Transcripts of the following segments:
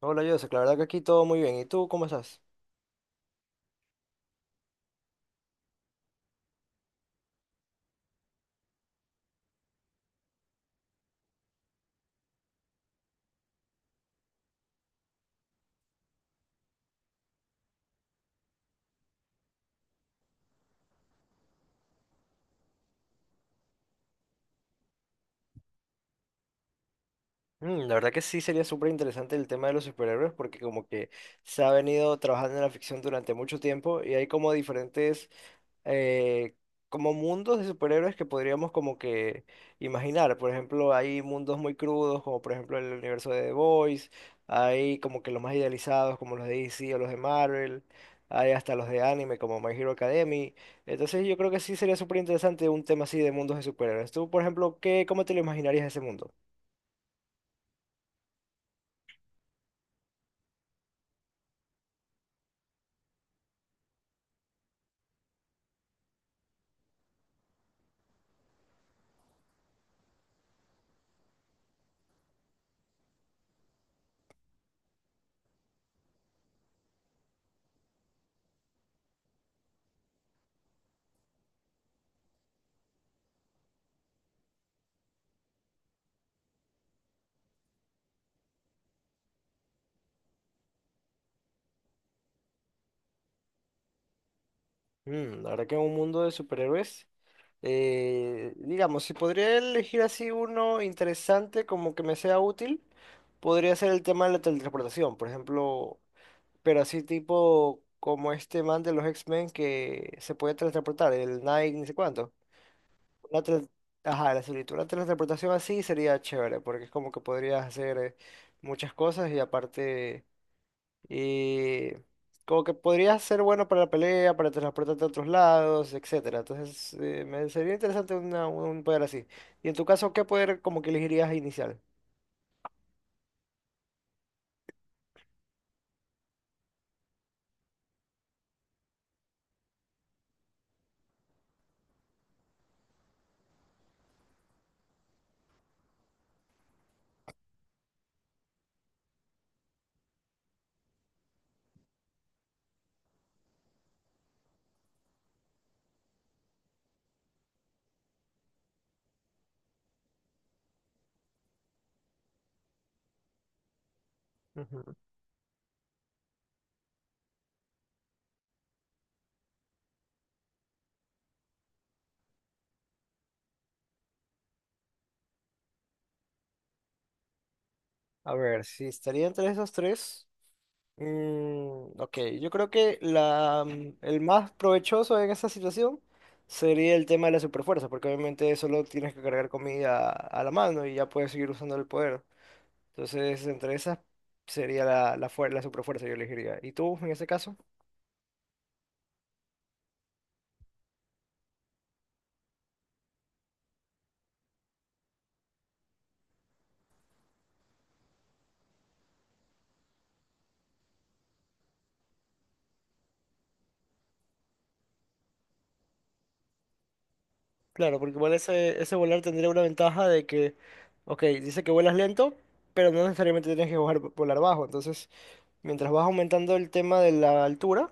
Hola, Joseph. La verdad que aquí todo muy bien. ¿Y tú cómo estás? Mm, la verdad que sí sería súper interesante el tema de los superhéroes porque como que se ha venido trabajando en la ficción durante mucho tiempo y hay como diferentes eh, como mundos de superhéroes que podríamos como que imaginar. Por ejemplo, hay mundos muy crudos, como por ejemplo el universo de The Boys, hay como que los más idealizados, como los de DC o los de Marvel, hay hasta los de anime, como My Hero Academy. Entonces yo creo que sí sería súper interesante un tema así de mundos de superhéroes. Tú, por ejemplo, ¿qué, cómo te lo imaginarías ese mundo? Mm, la verdad que un mundo de superhéroes. Digamos, si podría elegir así uno interesante como que me sea útil, podría ser el tema de la teletransportación, por ejemplo, pero así tipo como este man de los X-Men que se puede teletransportar, el Nike, ni sé cuánto. Una tele- Ajá, la solita, una teletransportación así sería chévere, porque es como que podrías hacer muchas cosas y aparte... Y como que podría ser bueno para la pelea, para transportarte a otros lados, etcétera. Entonces, me sería interesante un poder así. Y en tu caso, ¿qué poder como que elegirías inicial? Ujú. A ver, si estaría entre esos tres. Mm, ok, yo creo que el más provechoso en esa situación sería el tema de la superfuerza, porque obviamente solo tienes que cargar comida a la mano y ya puedes seguir usando el poder. Entonces, entre esas sería la superfuerza, yo elegiría. ¿Y tú, en ese caso? Claro, porque igual ese volar tendría una ventaja de que, ok, dice que vuelas lento, pero no necesariamente tienes que volar bajo. Entonces, mientras vas aumentando el tema de la altura,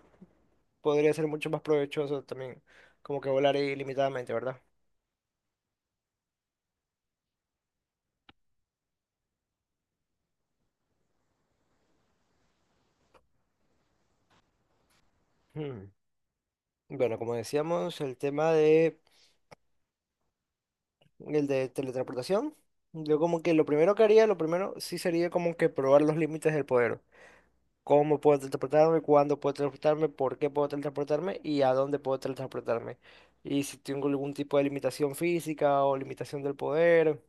podría ser mucho más provechoso también, como que volar ilimitadamente, ¿verdad? Hmm. Bueno, como decíamos, el de teletransportación, yo como que lo primero que haría, lo primero sí sería como que probar los límites del poder. Cómo puedo teletransportarme, cuándo puedo teletransportarme, por qué puedo teletransportarme y a dónde puedo teletransportarme. Y si tengo algún tipo de limitación física o limitación del poder,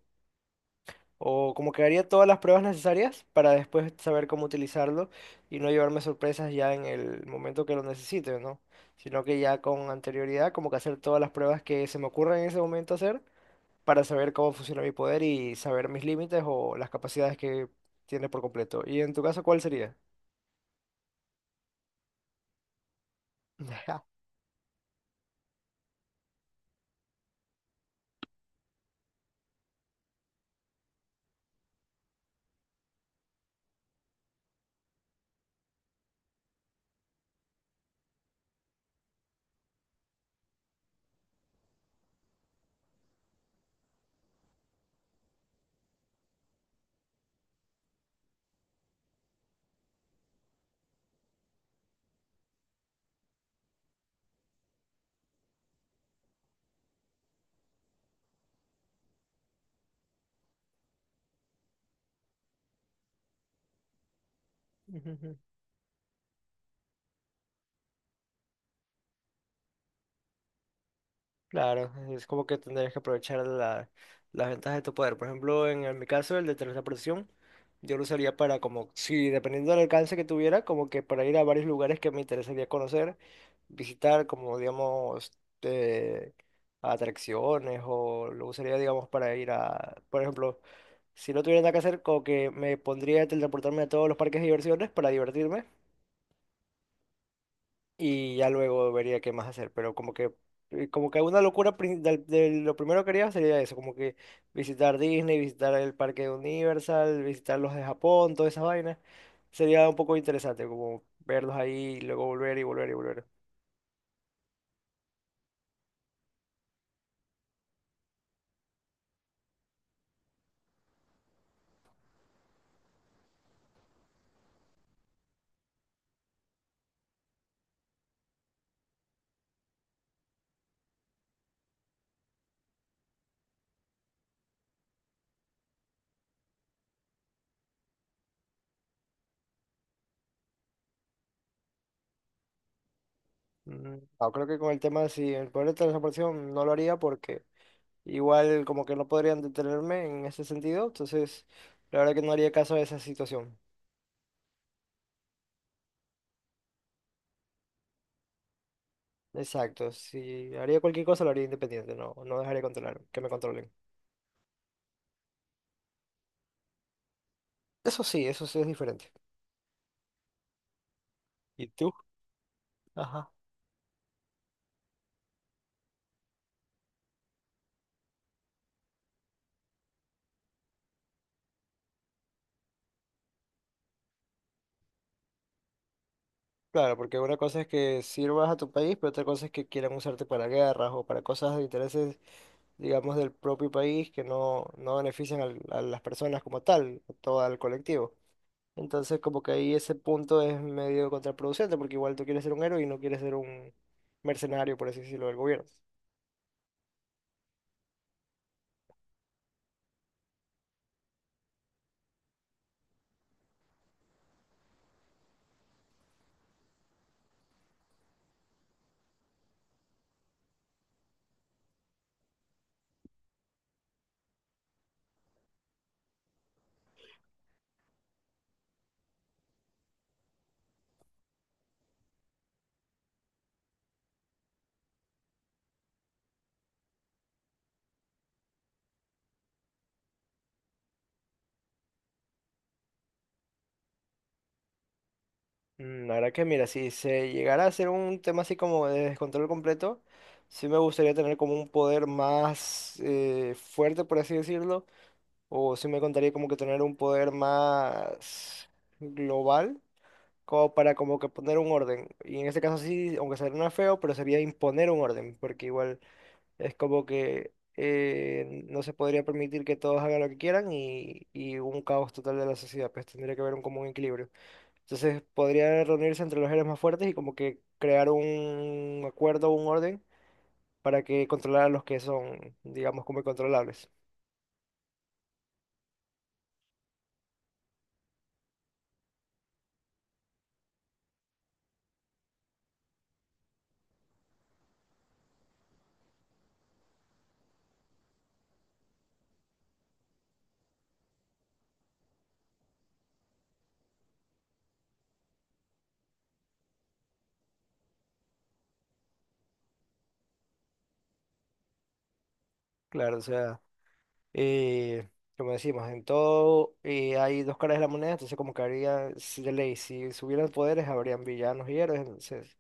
o como que haría todas las pruebas necesarias para después saber cómo utilizarlo y no llevarme sorpresas ya en el momento que lo necesite, ¿no? Sino que ya con anterioridad, como que hacer todas las pruebas que se me ocurran en ese momento hacer para saber cómo funciona mi poder y saber mis límites o las capacidades que tiene por completo. ¿Y en tu caso cuál sería? Ujú. Claro, es como que tendrías que aprovechar las ventajas de tu poder. Por ejemplo, mi caso, el de teletransportación, yo lo usaría para como, si dependiendo del alcance que tuviera, como que para ir a varios lugares que me interesaría conocer, visitar como, digamos, eh, atracciones o lo usaría, digamos, para ir a, por ejemplo, si no tuviera nada que hacer, como que me pondría a teletransportarme a todos los parques de diversiones para divertirme y ya luego vería qué más hacer, pero como que una locura lo primero que haría sería eso, como que visitar Disney, visitar el parque de Universal, visitar los de Japón, todas esas vainas. Sería un poco interesante como verlos ahí y luego volver y volver y volver. Mm, no, creo que con el tema si el poder de transportación no lo haría porque igual como que no podrían detenerme en ese sentido, entonces la verdad que no haría caso a esa situación. Exacto, si haría cualquier cosa lo haría independiente, no, no dejaría controlar, que me controlen. Eso sí es diferente. ¿Y tú? Ajá. Claro, porque una cosa es que sirvas a tu país, pero otra cosa es que quieran usarte para guerras o para cosas de intereses, digamos, del propio país que no, no benefician a las personas como tal, a todo al colectivo. Entonces, como que ahí ese punto es medio contraproducente, porque igual tú quieres ser un héroe y no quieres ser un mercenario, por así decirlo, del gobierno. Mm, la verdad que mira, si se llegara a ser un tema así como de descontrol completo, sí me gustaría tener como un poder más fuerte, por así decirlo, o sí me contaría como que tener un poder más global, como para como que poner un orden. Y en este caso sí, aunque suena feo, pero sería imponer un orden, porque igual es como que no se podría permitir que todos hagan lo que quieran y un caos total de la sociedad, pues tendría que haber un común equilibrio. Entonces podría reunirse entre los héroes más fuertes y como que crear un acuerdo un orden para que controlar a los que son, digamos, como incontrolables. Claro, o sea, eh, como decimos, en todo hay dos caras de la moneda, entonces como que habría, si de ley, si subieran poderes, habrían villanos y héroes, entonces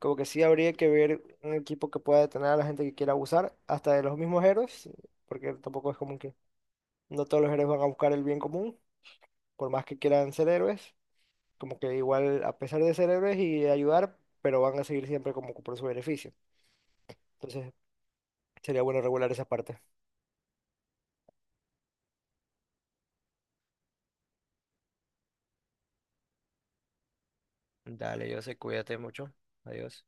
como que sí habría que ver un equipo que pueda detener a la gente que quiera abusar, hasta de los mismos héroes, porque tampoco es como que no todos los héroes van a buscar el bien común, por más que quieran ser héroes. Como que igual, a pesar de ser héroes y de ayudar, pero van a seguir siempre como que por su beneficio. Entonces, sería bueno regular esa parte. Dale, yo sé, cuídate mucho. Adiós.